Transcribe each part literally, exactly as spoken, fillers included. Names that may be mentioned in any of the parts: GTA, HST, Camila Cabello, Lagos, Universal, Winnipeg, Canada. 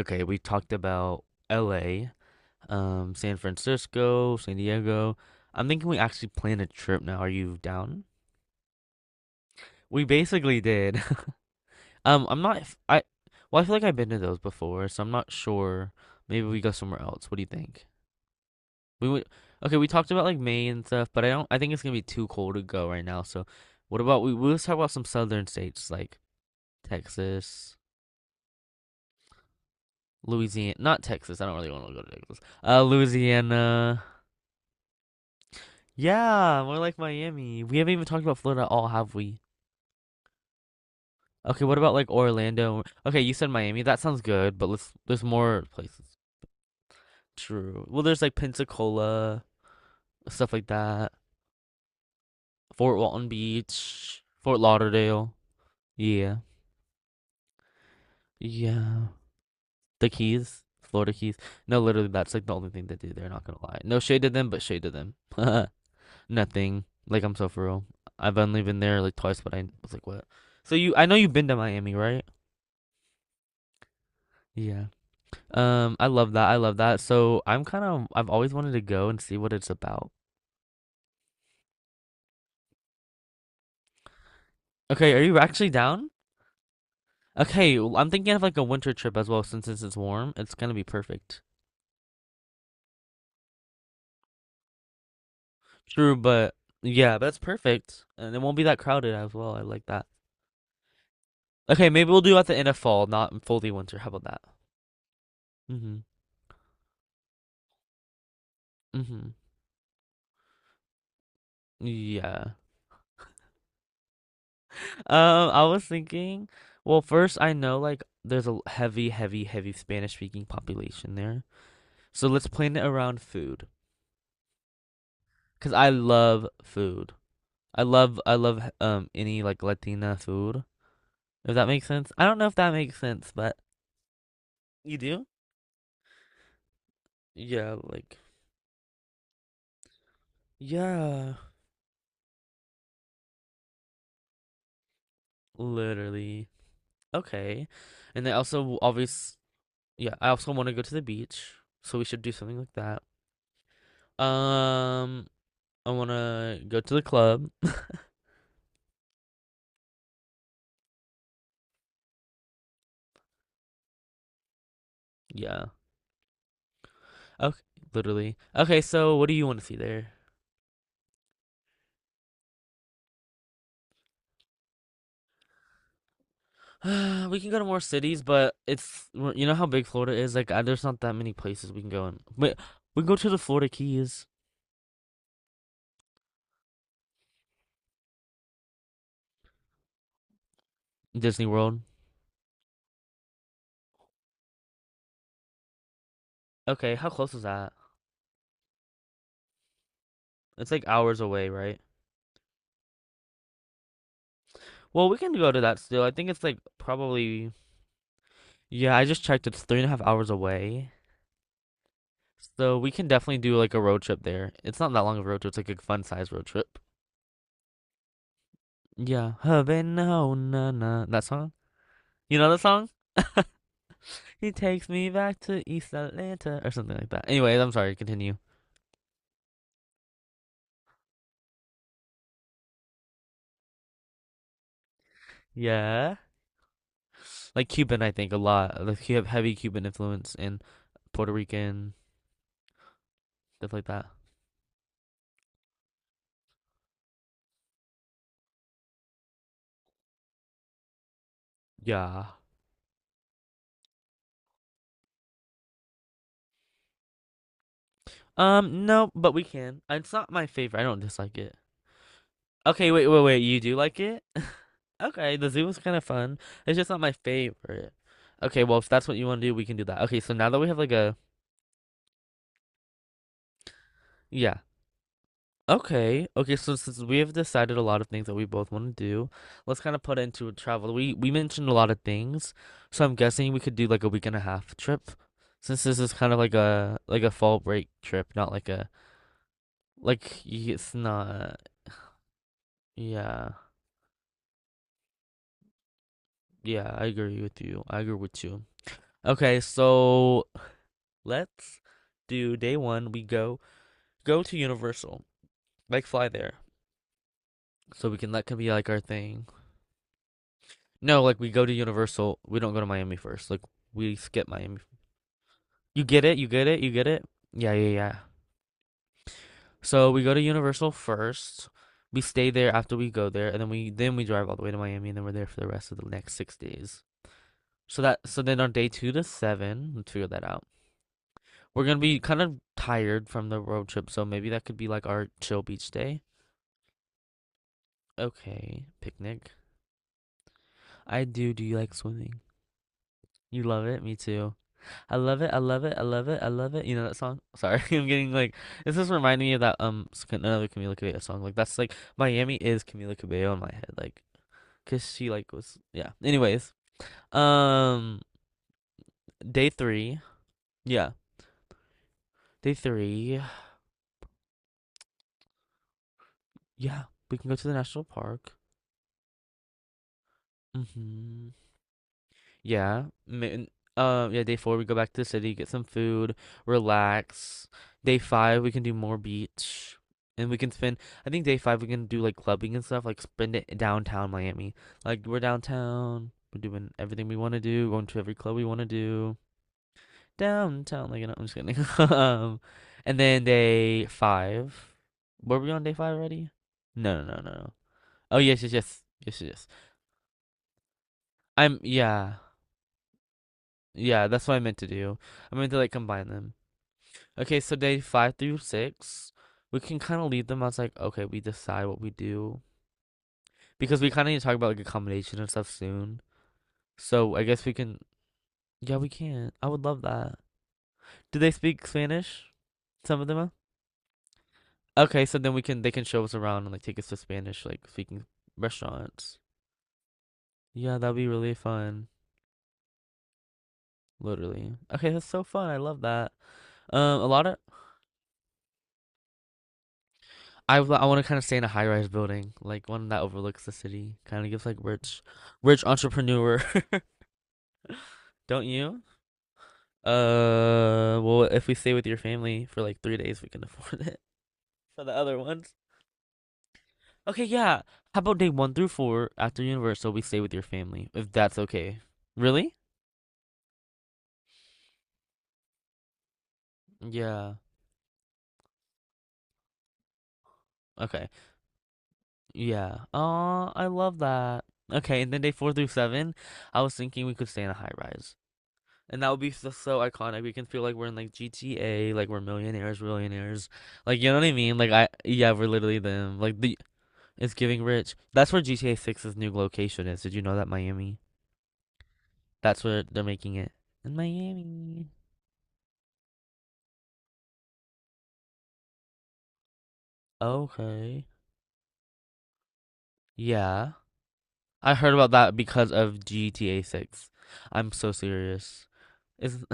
Okay, we talked about L A, um, San Francisco, San Diego. I'm thinking we actually plan a trip now. Are you down? We basically did. Um, I'm not, f- I, well, I feel like I've been to those before, so I'm not sure. Maybe we go somewhere else. What do you think? We would, okay, we talked about like Maine and stuff, but I don't, I think it's gonna be too cold to go right now. So what about we, we'll just talk about some southern states like Texas, Louisiana, not Texas. I don't really want to go to Texas. Uh, Louisiana. Yeah, more like Miami. We haven't even talked about Florida at all, have we? Okay, what about like Orlando? Okay, you said Miami. That sounds good, but let's there's more places. True. Well, there's like Pensacola, stuff like that. Fort Walton Beach, Fort Lauderdale. Yeah. Yeah. The Keys, Florida Keys. No, literally that's like the only thing they do there, not gonna lie. No shade to them, but shade to them. Nothing. Like I'm so for real. I've only been there like twice, but I was like, what? So you I know you've been to Miami, right? Yeah. Um, I love that. I love that. So I'm kind of I've always wanted to go and see what it's about. Okay, are you actually down? Okay, well, I'm thinking of like a winter trip as well since it's, it's warm. It's gonna be perfect. True, but yeah, that's perfect. And it won't be that crowded as well. I like that. Okay, maybe we'll do at the end of fall, not fully winter. How about that? Mm-hmm. Mm-hmm. Yeah. Um, I was thinking, well, first I know like there's a heavy, heavy, heavy Spanish speaking population there. So let's plan it around food, because I love food. I love I love um any like Latina food. If that makes sense. I don't know if that makes sense, but you do. Yeah, like yeah, literally. Okay, and then also obvious. Yeah, I also want to go to the beach, so we should do something like that. Um, I want to go to the club. Yeah. Okay, literally. Okay, so what do you want to see there? We can go to more cities, but it's well, you know how big Florida is. Like, uh, there's not that many places we can go in. Wait, we can go to the Florida Keys, Disney World. Okay, how close is that? It's like hours away, right? Well, we can go to that still. I think it's like probably yeah. I just checked. It's three and a half hours away, so we can definitely do like a road trip there. It's not that long of a road trip. It's like a fun size road trip. Yeah, Havana, oh, na na that song. You know the song? He takes me back to East Atlanta or something like that. Anyway, I'm sorry. Continue. Yeah. Like Cuban, I think a lot. Like you have heavy Cuban influence and Puerto Rican stuff like that. Yeah. Um. No, but we can. It's not my favorite. I don't dislike it. Okay. Wait. Wait. Wait. You do like it? Okay. The zoo was kind of fun. It's just not my favorite. Okay. Well, if that's what you want to do, we can do that. Okay. So now that we have like a yeah. Okay. Okay, so since we have decided a lot of things that we both want to do, let's kind of put into travel. We we mentioned a lot of things, so I'm guessing we could do like a week and a half trip, since this is kind of like a like a fall break trip, not like a like y- it's not. Yeah, yeah, I agree with you. I agree with you. Okay, so let's do day one. We go go to Universal, like fly there, so we can that can be like our thing. No, like we go to Universal. We don't go to Miami first. Like we skip Miami. You get it? You get it? You get it? Yeah, yeah, yeah. So we go to Universal first. We stay there after we go there, and then we then we drive all the way to Miami, and then we're there for the rest of the next six days. So that so then on day two to seven, let's figure that out. We're gonna be kind of tired from the road trip, so maybe that could be like our chill beach day. Okay, picnic. I do. Do you like swimming? You love it? Me too. I love it. I love it. I love it. I love it. You know that song? Sorry, I'm getting like this is reminding me of that um s- another Camila Cabello song. Like that's like Miami is Camila Cabello in my head. Like, cause she like was yeah. Anyways, um, day three. Yeah, day three. Yeah, we can go to the national park. Mm-hmm. Yeah. Um, uh, yeah, day four, we go back to the city, get some food, relax. Day five, we can do more beach. And we can spend, I think day five, we can do like clubbing and stuff, like spend it in downtown Miami. Like, we're downtown, we're doing everything we want to do, going to every club we want to do. Downtown, like, you know, I'm just kidding. Um, and then day five, were we on day five already? No, no, no, no. No. Oh, yes, yes, yes. Yes, yes. Yes. I'm, yeah. Yeah, that's what I meant to do. I meant to like combine them. Okay, so day five through six, we can kind of leave them as like, okay, we decide what we do because we kind of need to talk about like accommodation and stuff soon. So I guess we can. Yeah, we can. I would love that. Do they speak Spanish? Some of them. Are? Okay, so then we can they can show us around and like take us to Spanish like speaking restaurants. Yeah, that'd be really fun. Literally. Okay, that's so fun. I love that. Um, a lot of I w- I want to kind of stay in a high-rise building, like one that overlooks the city. Kind of gives like rich, rich entrepreneur, don't you? Uh, well, if we stay with your family for like three days, we can afford it for the other ones. Okay, yeah. How about day one through four after Universal, we stay with your family, if that's okay. Really? Yeah. Okay. Yeah. Aw, I love that. Okay, and then day four through seven, I was thinking we could stay in a high rise. And that would be so, so iconic. We can feel like we're in like G T A, like we're millionaires, millionaires. Like you know what I mean? Like I Yeah, we're literally them. Like the It's giving rich. That's where G T A six's new location is. Did you know that Miami? That's where they're making it. In Miami. Okay. Yeah. I heard about that because of G T A six. I'm so serious. Is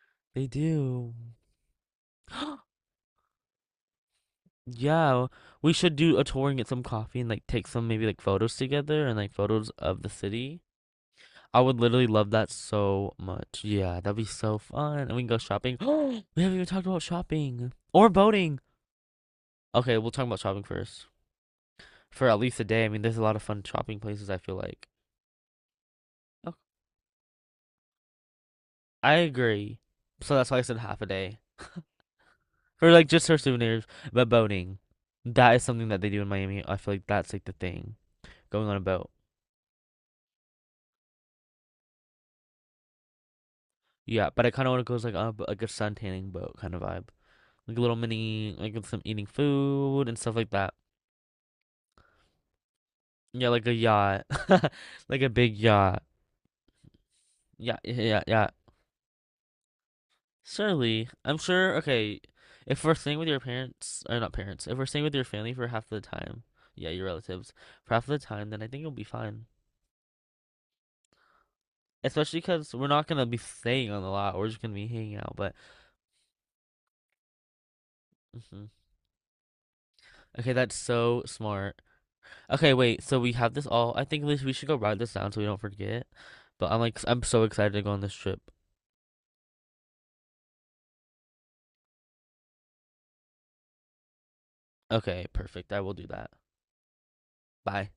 they do. Yeah, we should do a tour and get some coffee and like take some maybe like photos together and like photos of the city. I would literally love that so much. Yeah, that'd be so fun. And we can go shopping. We haven't even talked about shopping or boating. Okay, we'll talk about shopping first for at least a day. I mean, there's a lot of fun shopping places, I feel like. Okay. I agree. So that's why I said half a day for like just her souvenirs, but boating. That is something that they do in Miami. I feel like that's like the thing, going on a boat. Yeah, but I kind of want to go like a like a sun tanning boat kind of vibe, like a little mini, like with some eating food and stuff like that. Yeah, like a yacht, like a big yacht. Yeah, yeah, yeah. Surely, I'm sure. Okay, if we're staying with your parents or not parents, if we're staying with your family for half the time, yeah, your relatives for half the time, then I think it'll be fine. Especially because we're not gonna be staying on the lot. We're just gonna be hanging out. But mhm. Okay, that's so smart. Okay, wait. So we have this all. I think we we should go write this down so we don't forget. But I'm like, I'm so excited to go on this trip. Okay, perfect. I will do that. Bye.